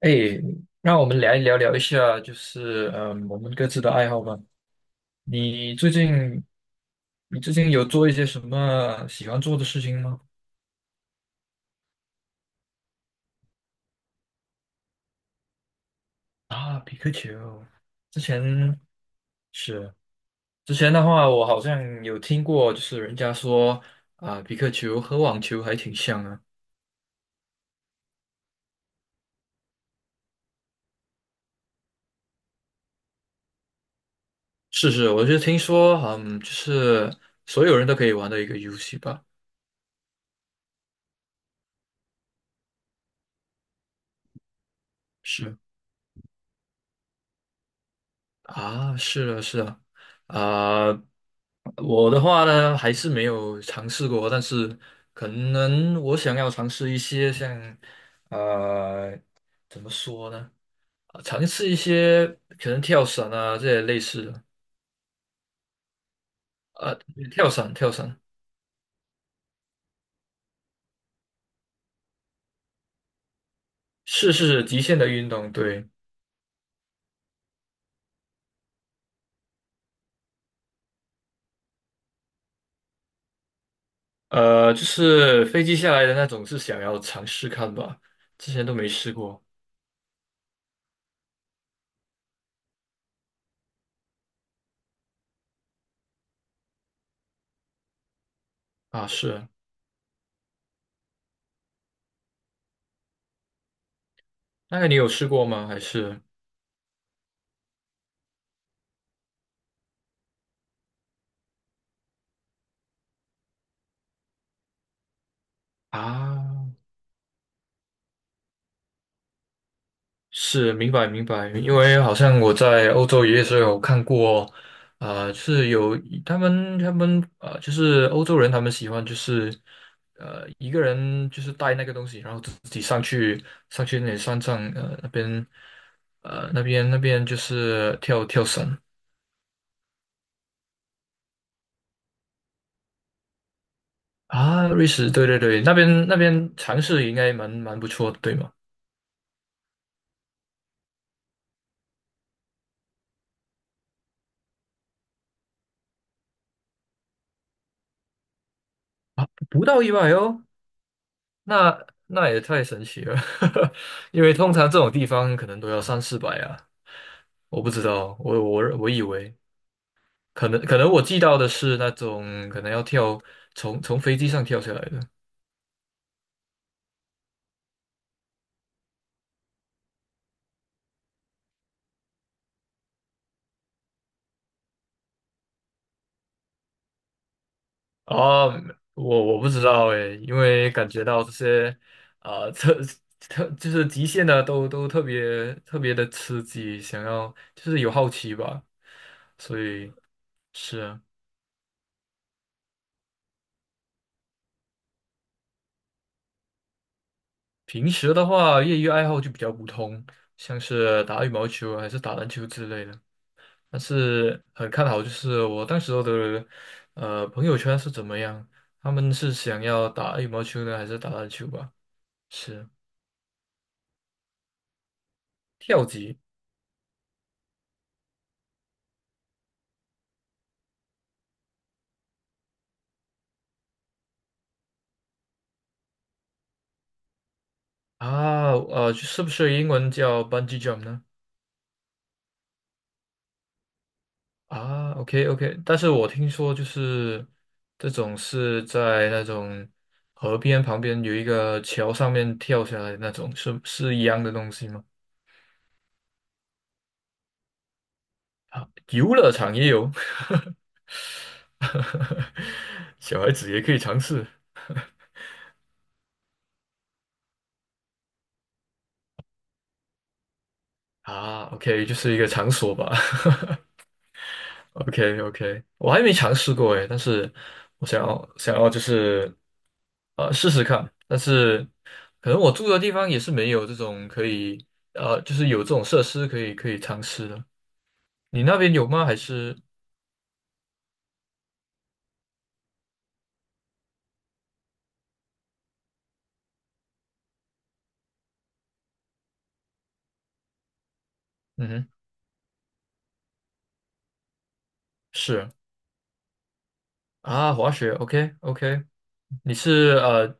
哎，那我们来聊聊一下，就是我们各自的爱好吧。你最近，你最近有做一些什么喜欢做的事情吗？啊，皮克球，之前是之前的话，我好像有听过，就是人家说啊，皮克球和网球还挺像啊。是是，我就听说，就是所有人都可以玩的一个游戏吧。是。啊，是啊，是啊。啊、我的话呢，还是没有尝试过，但是可能我想要尝试一些像，呃，怎么说呢？尝试一些可能跳伞啊这些类似的。呃，跳伞，跳伞，是是是极限的运动，对。就是飞机下来的那种，是想要尝试看吧，之前都没试过。啊，是啊，那个你有试过吗？还是啊？是，明白明白。因为好像我在欧洲也是有看过，是有他们就是欧洲人他们喜欢，就是一个人就是带那个东西，然后自己上去那里山上那边那边就是跳跳绳。啊，瑞士对对对，那边那边尝试应该蛮不错的，对吗？不到100哦，那也太神奇了。因为通常这种地方可能都要三四百啊。我不知道，我以为可能我记到的是那种可能要跳从飞机上跳下来的。啊，我不知道诶，因为感觉到这些啊、特特就是极限的都特别特别的刺激，想要就是有好奇吧，所以是啊。平时的话业余爱好就比较普通，像是打羽毛球啊还是打篮球之类的。但是很看好就是我当时候的朋友圈是怎么样，他们是想要打羽毛球呢，还是打篮球吧？是，跳级啊。是不是英文叫 bungee jump 呢？啊，OK OK,但是我听说就是这种是在那种河边旁边有一个桥上面跳下来的那种，是一样的东西吗？游乐场也有，小孩子也可以尝试。啊，OK,就是一个场所吧。o k o k 我还没尝试过诶，但是我想要就是试试看，但是可能我住的地方也是没有这种可以，就是有这种设施可以尝试的。你那边有吗？还是。嗯哼。是啊，滑雪，OK OK,你是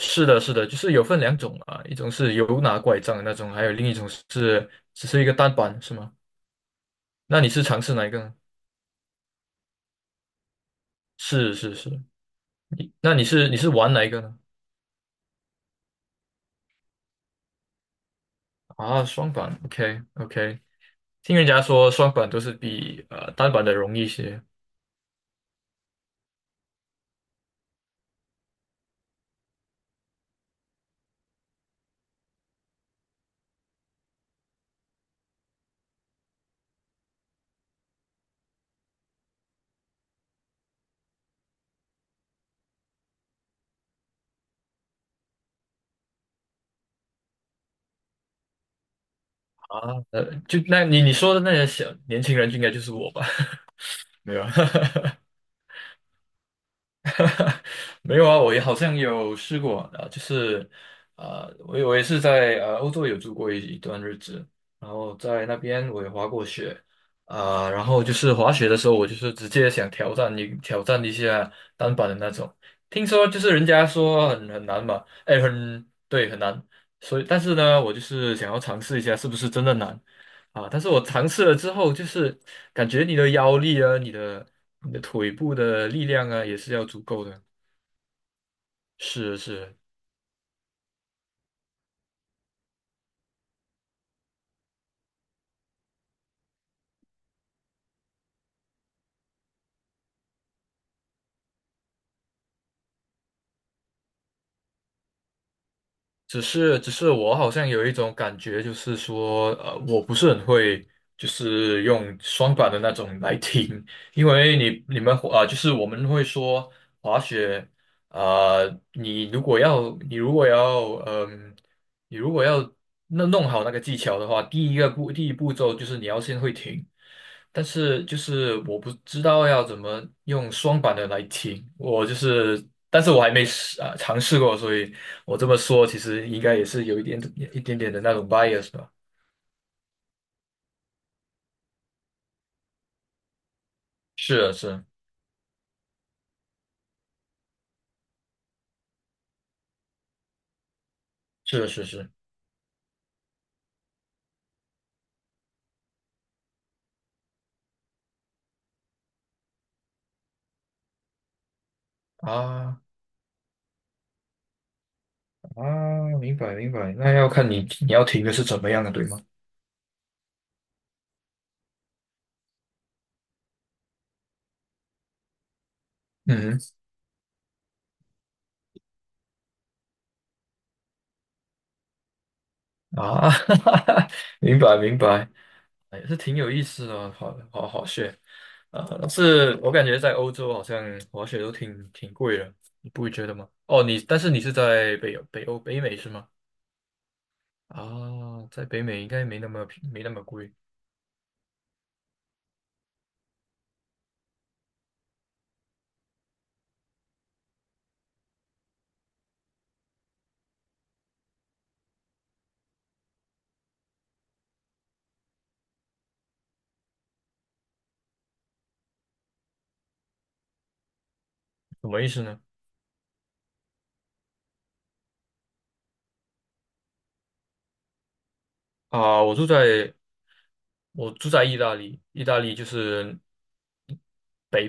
是的是的，就是有分两种啊，一种是有拿拐杖的那种，还有另一种是只是一个单板是吗？那你是尝试哪一个呢？是是是，那你是玩哪一个呢？啊，双板，OK OK,听人家说双板都是比单板的容易一些。啊，就那你说的那些小年轻人就应该就是我吧？没有啊，没有啊，我也好像有试过啊，就是。啊，我也是在欧洲有住过一段日子，然后在那边我也滑过雪啊。然后就是滑雪的时候，我就是直接想挑战一下单板的那种，听说就是人家说很难嘛，哎，很对很难，所以但是呢，我就是想要尝试一下是不是真的难啊。但是我尝试了之后，就是感觉你的腰力啊，你的腿部的力量啊，也是要足够的。是是，只是我好像有一种感觉，就是说，我不是很会，就是用双板的那种来听。因为你们就是我们会说滑雪。呃，你如果要，你如果要，嗯，你如果要那弄好那个技巧的话，第一步骤就是你要先会停。但是就是我不知道要怎么用双板的来停，我就是。但是我还没试啊尝试过，所以我这么说其实应该也是有一点点的那种 bias 吧。是啊，是啊是啊是啊是啊。啊，明白明白，那要看你要停的是怎么样的，对吗？嗯。啊，明白明白，哎，是挺有意思的哦，滑雪啊。但是我感觉在欧洲好像滑雪都挺贵的，你不会觉得吗？哦，你但是你是在北美是吗？啊，在北美应该没那么贵。什么意思呢？啊，我住在意大利，意大利就是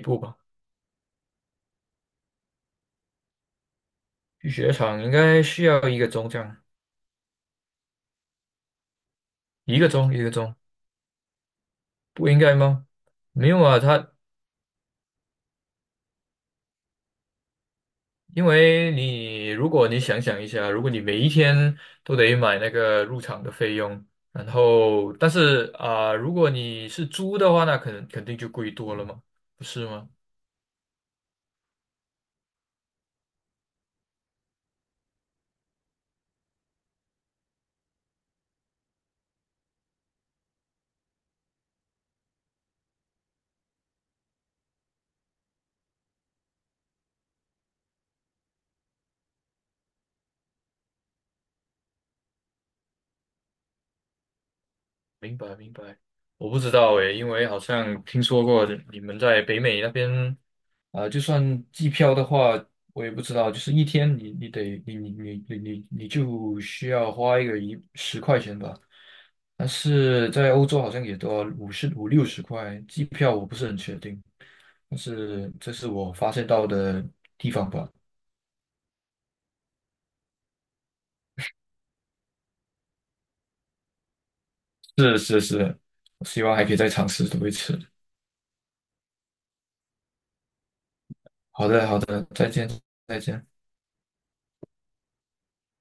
北部吧。去雪场应该需要一个钟这样，一个钟一个钟，不应该吗？没有啊，他。因为你，如果你想想一下，如果你每一天都得买那个入场的费用，然后，但是如果你是租的话，那肯定就贵多了嘛，不是吗？明白明白，我不知道诶，因为好像听说过你们在北美那边，就算机票的话，我也不知道，就是一天你你得你你你你你你就需要花一个10块钱吧，但是在欧洲好像也都要五十五六十块，机票我不是很确定，但是这是我发现到的地方吧。是是是，希望还可以再尝试多一次。好的好的，再见。再见。